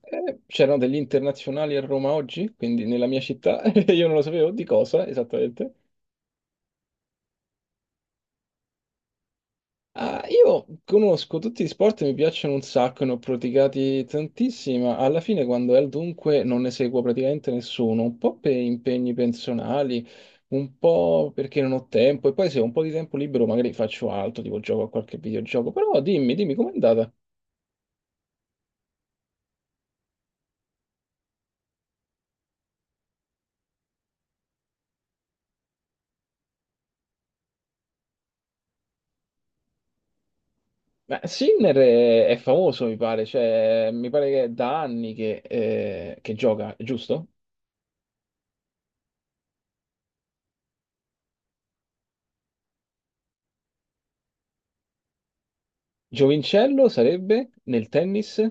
C'erano degli internazionali a Roma oggi, quindi nella mia città, e io non lo sapevo di cosa esattamente. Ah, io conosco tutti gli sport, mi piacciono un sacco, ne ho praticati tantissimi, ma alla fine quando è al dunque non ne seguo praticamente nessuno, un po' per impegni personali, un po' perché non ho tempo, e poi se ho un po' di tempo libero magari faccio altro, tipo gioco a qualche videogioco, però dimmi, dimmi com'è andata? Ma Sinner è famoso, mi pare, cioè, mi pare che è da anni che gioca, giusto? Giovincello sarebbe nel tennis?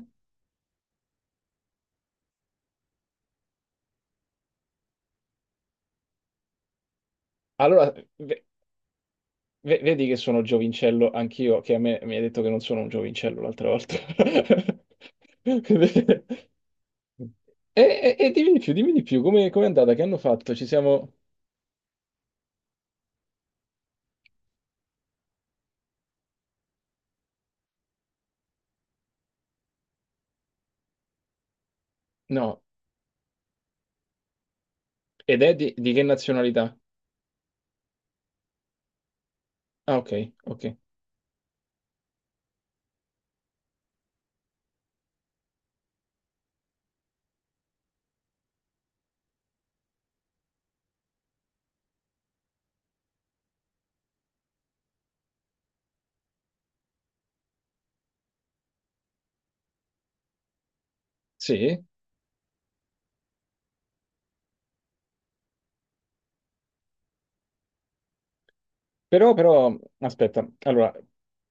Allora, ve- vedi che sono giovincello anch'io, che a me mi hai detto che non sono un giovincello l'altra volta. E dimmi di più, come è andata? Che hanno fatto? Ci siamo... No, ed è di che nazionalità? Ah, ok, ok. Sì? Però, però, aspetta, allora,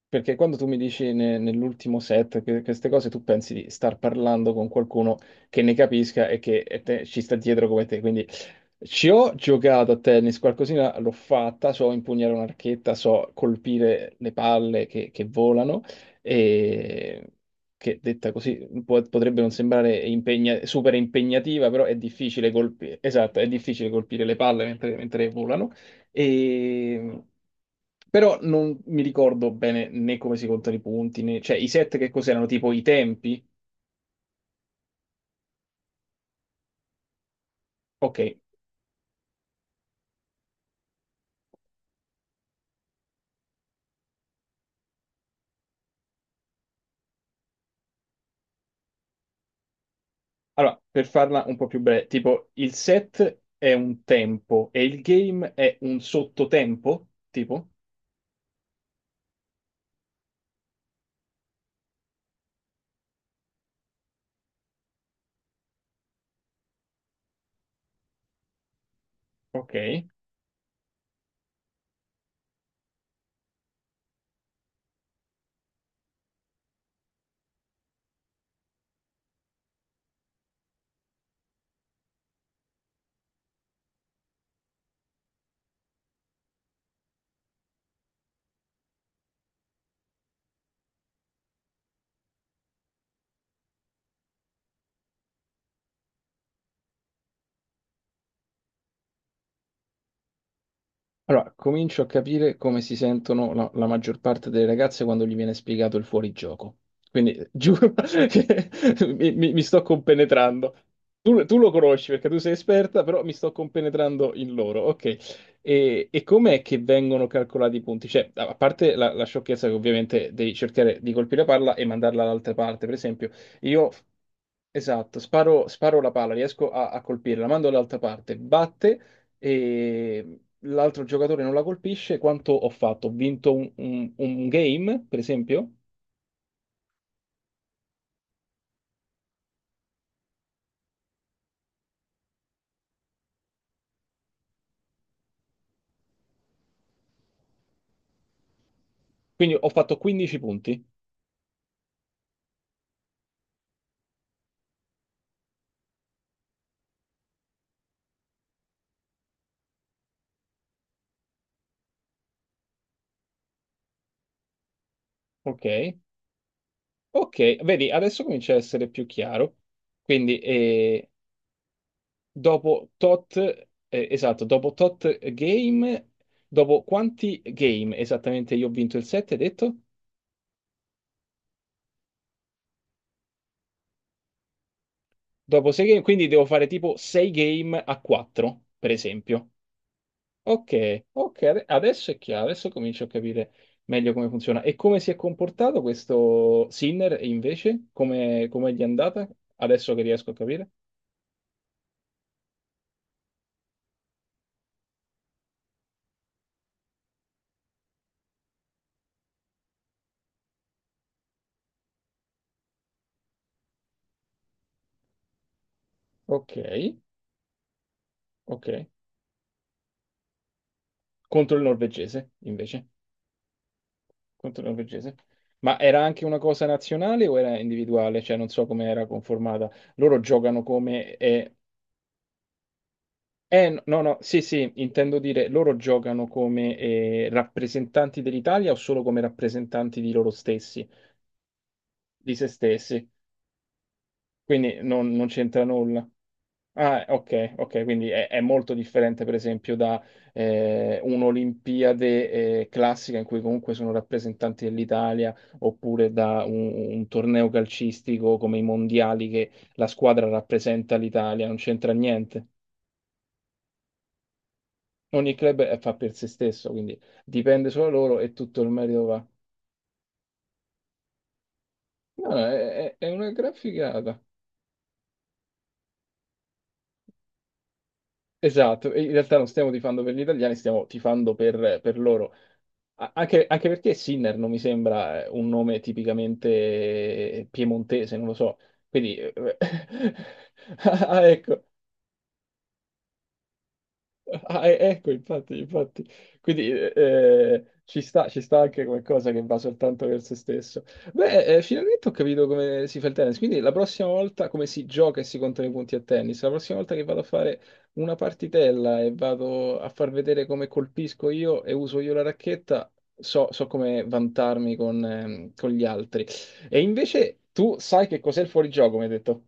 perché quando tu mi dici nell'ultimo set queste cose, tu pensi di star parlando con qualcuno che ne capisca e che ci sta dietro come te. Quindi ci ho giocato a tennis, qualcosina l'ho fatta, so impugnare una racchetta, so colpire le palle che volano, e che detta così potrebbe non sembrare super impegnativa, però è difficile colpire, esatto, è difficile colpire le palle mentre volano. E... Però non mi ricordo bene né come si contano i punti, né... cioè i set che cos'erano, tipo i tempi? Ok, allora per farla un po' più breve, tipo il set è un tempo e il game è un sottotempo? Tipo? Ok. Allora, comincio a capire come si sentono la maggior parte delle ragazze quando gli viene spiegato il fuorigioco. Quindi giuro che mi sto compenetrando. Tu lo conosci perché tu sei esperta, però mi sto compenetrando in loro. Ok. E com'è che vengono calcolati i punti? Cioè, a parte la sciocchezza che ovviamente devi cercare di colpire la palla e mandarla all'altra parte, per esempio, io esatto, sparo la palla, riesco a colpirla, la mando all'altra parte, batte e l'altro giocatore non la colpisce, quanto ho fatto? Ho vinto un game, per esempio? Quindi ho fatto 15 punti. Ok, ok, vedi, adesso comincia a essere più chiaro. Quindi dopo tot, esatto, dopo tot game, dopo quanti game esattamente io ho vinto il 7, hai detto? Dopo 6 game, quindi devo fare tipo 6 game a 4, per esempio. Ok, ok, adesso è chiaro, adesso comincio a capire meglio come funziona. E come si è comportato questo Sinner e invece? Come, come gli è andata? Adesso che riesco a capire. Ok, ok. Contro il norvegese, invece. Contro il norvegese. Ma era anche una cosa nazionale o era individuale? Cioè, non so come era conformata. Loro giocano come... no, no, no, sì, sì, intendo dire, loro giocano come rappresentanti dell'Italia o solo come rappresentanti di loro stessi? Di se stessi, quindi non c'entra nulla. Ah, ok, ok, quindi è molto differente per esempio da un'Olimpiade classica in cui comunque sono rappresentanti dell'Italia oppure da un torneo calcistico come i mondiali che la squadra rappresenta l'Italia, non c'entra niente. Ogni club fa per se stesso, quindi dipende solo da loro e tutto il merito va. No, no, è una gran figata. Esatto, e in realtà non stiamo tifando per gli italiani, stiamo tifando per loro. Anche perché Sinner non mi sembra un nome tipicamente piemontese, non lo so. Quindi, ah, ecco, ah, ecco, infatti, infatti. Quindi ci sta anche qualcosa che va soltanto per se stesso. Beh, finalmente ho capito come si fa il tennis. Quindi la prossima volta, come si gioca e si contano i punti a tennis, la prossima volta che vado a fare una partitella e vado a far vedere come colpisco io e uso io la racchetta, so come vantarmi con gli altri. E invece tu sai che cos'è il fuorigioco, mi hai detto.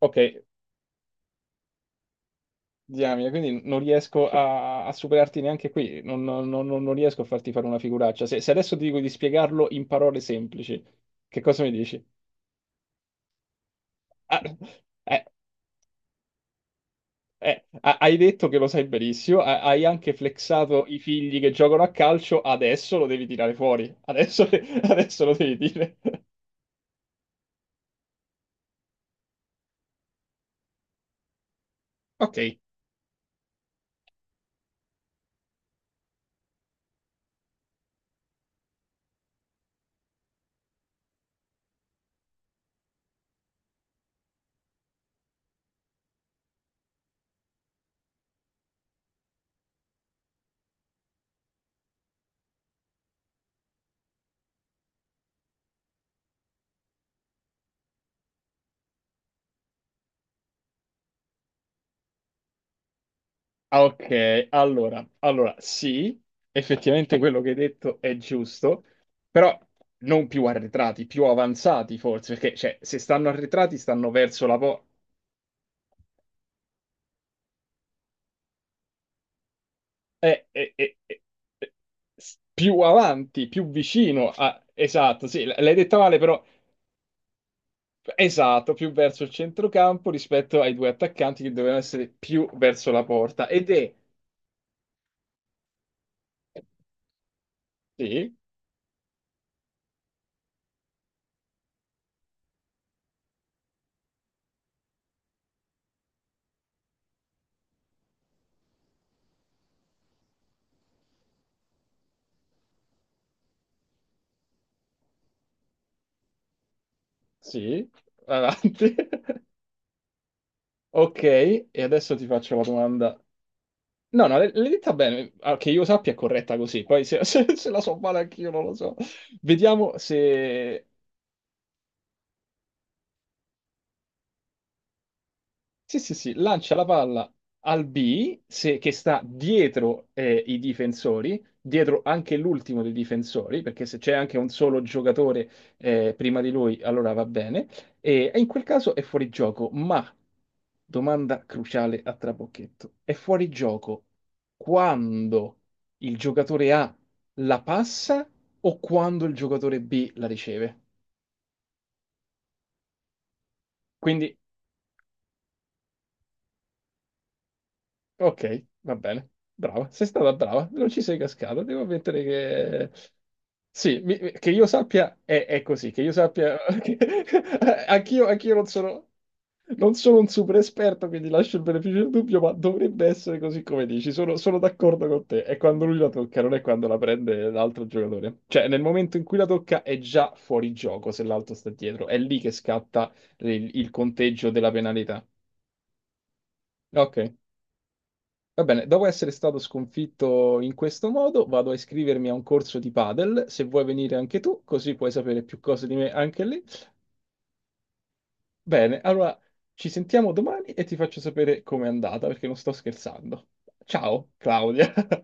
Ok, diamine, quindi non riesco a superarti neanche qui, non riesco a farti fare una figuraccia. Se adesso ti dico di spiegarlo in parole semplici, che cosa mi dici? Ah, eh, ah, hai detto che lo sai benissimo, ah, hai anche flexato i figli che giocano a calcio, adesso lo devi tirare fuori, adesso adesso lo devi dire. Ok, ah, ok, allora, sì, effettivamente quello che hai detto è giusto, però non più arretrati, più avanzati forse, perché cioè, se stanno arretrati stanno verso la porta, più avanti, più vicino a... Esatto, sì, l'hai detta male, però esatto, più verso il centrocampo rispetto ai due attaccanti che dovevano essere più verso la porta. Ed è... Sì, sì, avanti. Ok, e adesso ti faccio la domanda. No, no, l'hai detta bene, ah, che io sappia è corretta così, poi se, se la so male anch'io non lo so. Vediamo se. Sì, sì, sì, lancia la palla al B, che sta dietro i difensori, dietro anche l'ultimo dei difensori, perché se c'è anche un solo giocatore prima di lui, allora va bene, e in quel caso è fuori gioco, ma, domanda cruciale a trabocchetto, è fuori gioco quando il giocatore A la passa o quando il giocatore B la riceve? Quindi ok, va bene. Brava, sei stata brava, non ci sei cascata. Devo ammettere che... Sì, che io sappia è così, che io sappia... che- anch'io non sono un super esperto, quindi lascio il beneficio del dubbio, ma dovrebbe essere così come dici. Sono d'accordo con te. È quando lui la tocca, non è quando la prende l'altro giocatore. Cioè, nel momento in cui la tocca è già fuori gioco se l'altro sta dietro. È lì che scatta il conteggio della penalità. Ok. Va bene, dopo essere stato sconfitto in questo modo, vado a iscrivermi a un corso di padel, se vuoi venire anche tu, così puoi sapere più cose di me anche lì. Bene, allora ci sentiamo domani e ti faccio sapere com'è andata, perché non sto scherzando. Ciao, Claudia.